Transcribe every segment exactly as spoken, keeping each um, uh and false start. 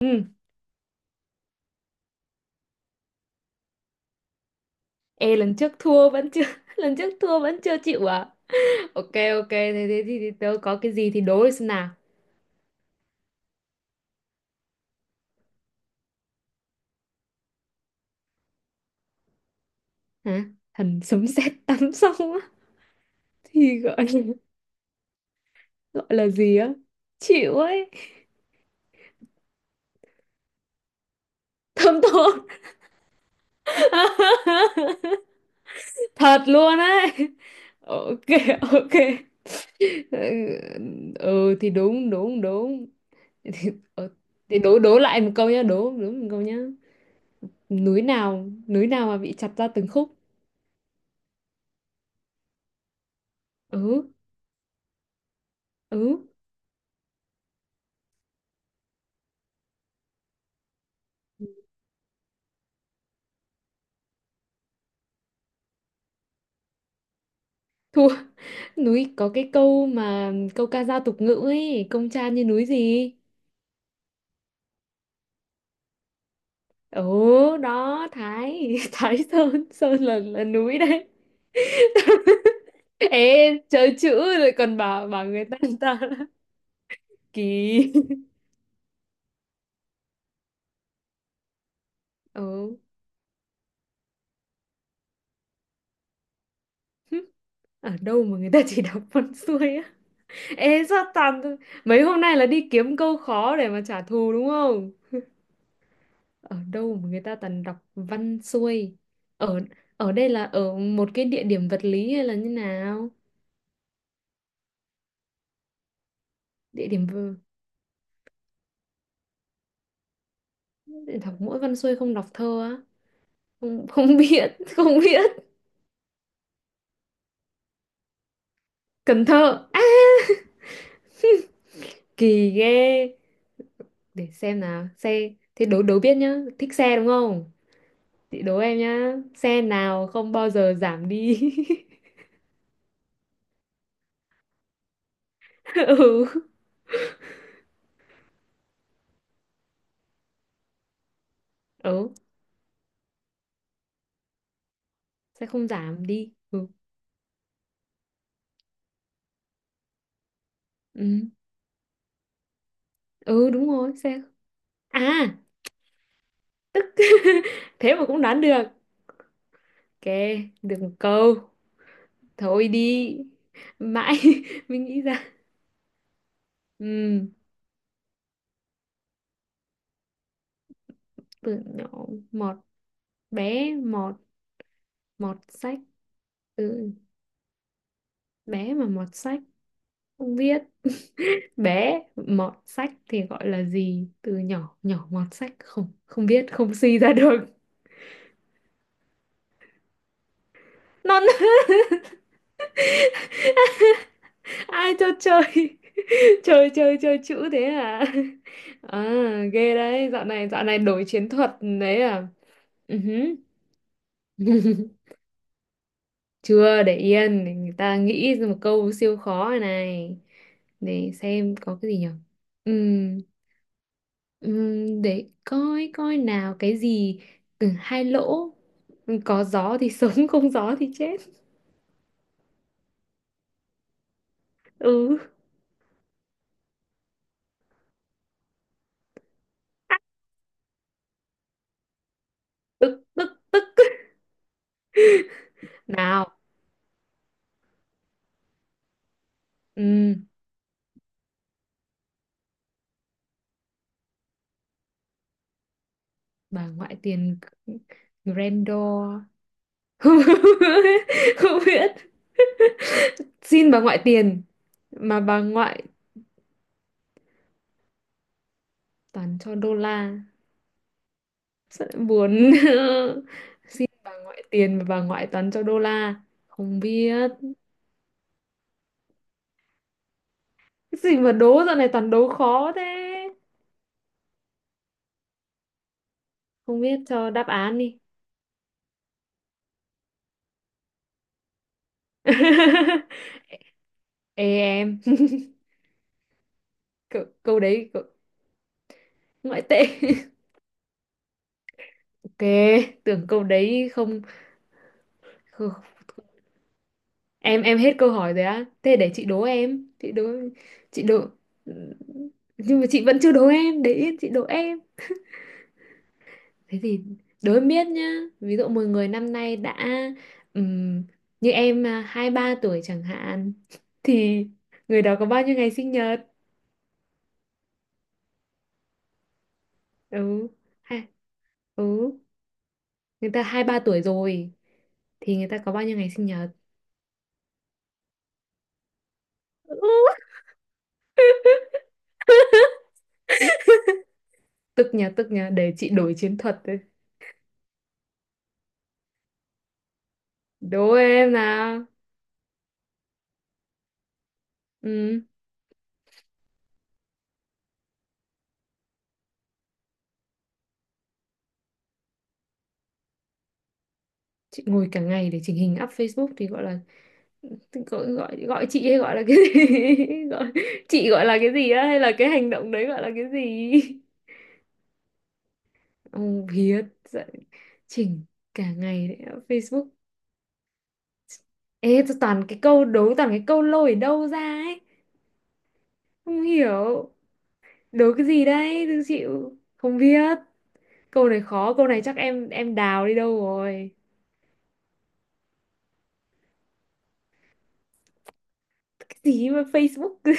Ừ. Ê lần trước thua vẫn chưa lần trước thua vẫn chưa chịu à? Ok, ok. Thế thế thì, thì tớ có cái gì thì đố đi xem nào. Hả? Thần sấm sét tắm xong á thì gọi là, gọi là gì á? Chịu ấy. Thơm thốt. Thật luôn ấy. Ok, ok. Ừ, ừ, thì đúng, đúng, đúng. Thì, Ờ, Thì đố đố lại một câu nhá, đố đố một câu nhá. Núi nào, núi nào mà bị chặt ra từng khúc? Ừ, ừ. Thua, núi có cái câu mà câu ca dao tục ngữ ấy, công tra như núi gì? Ồ, đó Thái Thái Sơn Sơn là là núi đấy. Ê, chơi chữ rồi còn bảo bảo người ta người ta là kỳ. Ừ. Ở đâu mà người ta chỉ đọc con xuôi á? Ê sao toàn, mấy hôm nay là đi kiếm câu khó để mà trả thù đúng không? Ở đâu mà người ta toàn đọc văn xuôi? Ở ở đây là ở một cái địa điểm vật lý hay là như nào? địa điểm v- để đọc mỗi văn xuôi không đọc thơ á? Không không biết. Không biết. Cần Thơ á. Kỳ ghê. Để xem nào, xe, thế đố đố biết nhá, thích xe đúng không? Chị đố em nhá, xe nào không bao giờ giảm đi? Ừ. Ừ, sẽ không giảm đi, ừ. Ừ, ừ đúng rồi xe. À. Thế mà cũng đoán được. Ok, được một câu. Thôi đi. Mãi mình nghĩ ra. Ừ, từ nhỏ mọt, bé mọt mọt sách. Ừ, bé mà mọt sách, không biết. Bé mọt sách thì gọi là gì? Từ nhỏ nhỏ mọt sách không không biết, không suy ra được. Non. Ai cho chơi? chơi chơi chơi chữ thế à? À ghê đấy, dạo này dạo này đổi chiến thuật đấy à. Ừ hứ. Chưa, để yên để người ta nghĩ ra một câu siêu khó này. Để xem có cái gì nhỉ. Ừm, ừm, để coi coi nào cái gì. Ừ, hai lỗ. Ừ, có gió thì sống, không gió thì chết. Ừ, tức, tức, tức nào. Ừm, bà ngoại tiền grandor. Không biết. Xin bà ngoại tiền mà bà ngoại toàn cho đô la. Sợ buồn. Xin bà ngoại tiền mà bà ngoại toàn cho đô la, không biết. Cái gì mà đố dạo này toàn đố khó thế? Không biết, cho đáp án đi. Ê em. câu, câu đấy, câu- ngoại tệ. Ok. Tưởng câu đấy không, không- em em hết câu hỏi rồi á, thế để chị đố em, chị đố chị đố Nhưng mà chị vẫn chưa đố em, để yên chị đố em. Thế thì đối em biết nhá, ví dụ một người năm nay đã, ừm, như em à, hai ba tuổi chẳng hạn, thì người đó có bao nhiêu ngày sinh nhật? Ừ ha, ừ. Người ta hai ba tuổi rồi, thì người ta có bao nhiêu ngày sinh nhật? Ừ. Tức nhờ, tức nhờ, để chị đổi chiến thuật đây. Đố em nào. Ừ. Chị ngồi cả ngày để chỉnh hình up Facebook thì gọi là, gọi, gọi, gọi chị hay gọi là cái gì? gọi, Chị gọi là cái gì á? Hay là cái hành động đấy gọi là cái gì? Ông Hiết dạy chỉnh cả ngày đấy ở Facebook. Ê, tôi toàn cái câu đố, toàn cái câu lôi ở đâu ra ấy. Không hiểu. Đố cái gì đấy, tôi chịu. Không biết. Câu này khó, câu này chắc em em đào đi đâu rồi. Cái gì mà Facebook cứ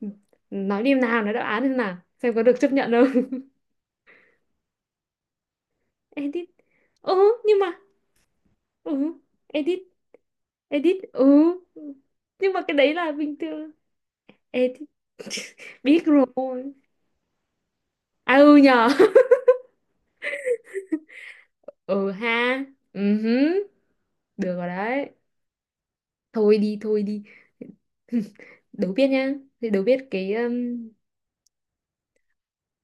nói đi em nào, nói đáp án xem nào. Xem có được chấp nhận không. Edit. Ừ, nhưng mà, ừ, edit, edit. Ừ. Nhưng mà cái đấy là bình thường. Edit. Biết rồi. À ừ nhờ. Ừ ha, ừ hứ. Được rồi đấy. Thôi đi, thôi đi. Đố biết nhá. Thì đố biết cái, um,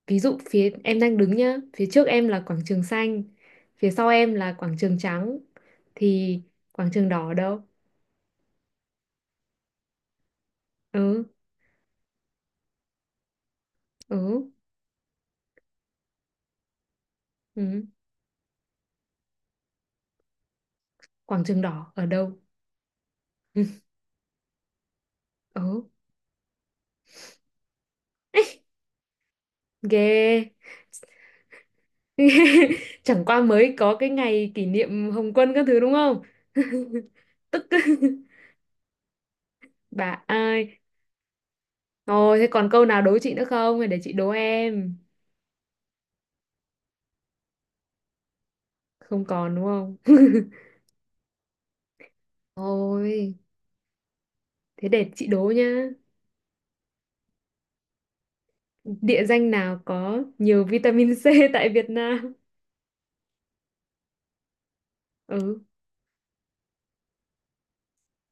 ví dụ phía em đang đứng nhá, phía trước em là quảng trường xanh, phía sau em là quảng trường trắng, thì quảng trường đỏ ở đâu? Ừ, ừ, ừ. Quảng trường đỏ ở đâu? Ừ, ừ. Ghê. Chẳng qua mới có cái ngày kỷ niệm Hồng Quân các thứ đúng không? Tức, bà ai. Ồ, thế còn câu nào đố chị nữa không? Hay để chị đố em. Không còn đúng không? Thôi, thế để chị đố nhá. Địa danh nào có nhiều vitamin C tại Việt Nam? Ừ,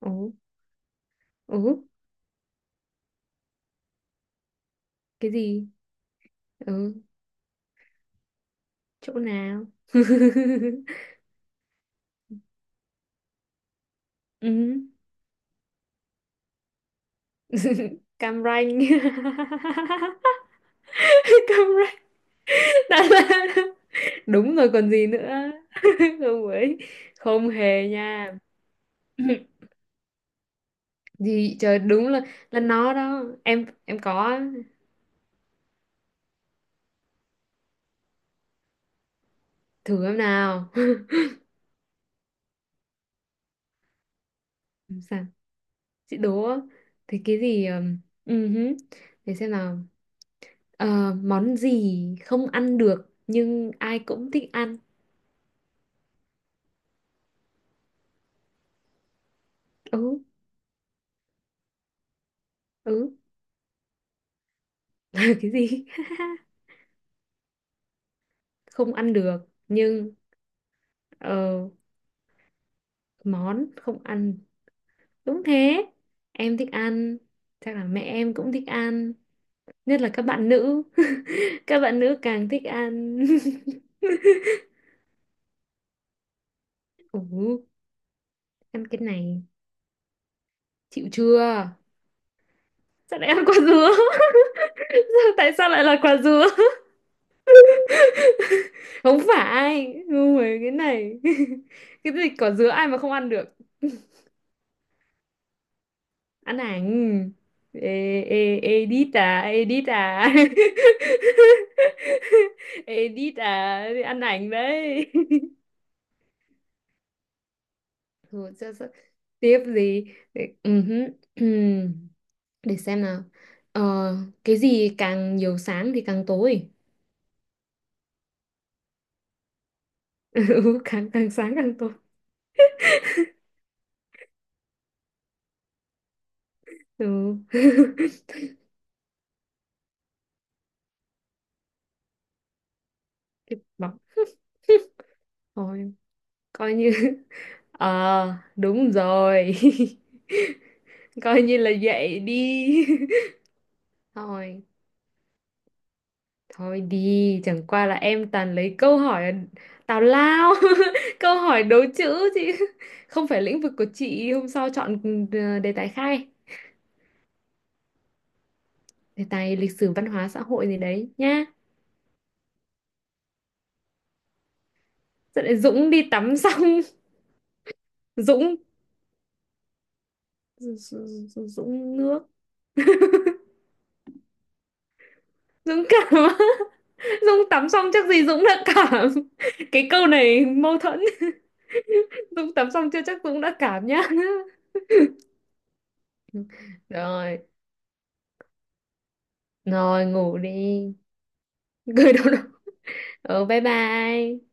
ừ, ừ, cái gì? Ừ, chỗ nào? Ừ. Cam Ranh. Cam Ranh. Đà Lạt. Đúng rồi còn gì nữa. Không ấy. Không hề nha. Gì trời, đúng là là nó đó, em em có thử em nào. Làm sao chị đố á. Thì cái gì, ừm, ừ để xem nào. Ờ, món gì không ăn được nhưng ai cũng thích ăn? Ừ, ừ. Cái gì? Không ăn được nhưng, ờ, món không ăn, đúng thế. Em thích ăn, chắc là mẹ em cũng thích ăn, nhất là các bạn nữ. Các bạn nữ càng thích ăn. Ừ. Ăn cái này, chịu chưa? Sao lại ăn quả dứa? sao tại sao lại là quả dứa? Không phải ngu rồi cái này. Cái gì, quả dứa ai mà không ăn được? Ăn ảnh. Ê, ê, edit à, edit à. Edit à, ăn ảnh đấy. Thôi, sao- sao- tiếp gì? để, ừ hứ, để xem nào. ờ, cái gì càng nhiều sáng thì càng tối? Ừ, càng càng sáng càng tốt. Ừ. Bọc thôi, coi như. Ờ, đúng rồi. Coi như là vậy đi. Thôi, thôi đi, chẳng qua là em toàn lấy câu hỏi tào lao. Câu hỏi đố chữ chứ không phải lĩnh vực của chị, hôm sau chọn ừ, đề tài khai đề tài lịch sử văn hóa xã hội gì đấy nhá. Dẫn lại, Dũng đi tắm xong. Dũng Dũng Dũng nước. Dũng cảm. Dũng tắm xong chắc gì Dũng đã cảm. Cái câu này mâu thuẫn. Dũng tắm xong chưa chắc Dũng đã cảm nhá. Rồi. Rồi ngủ đi. Cười đâu đâu. Ừ, bye bye.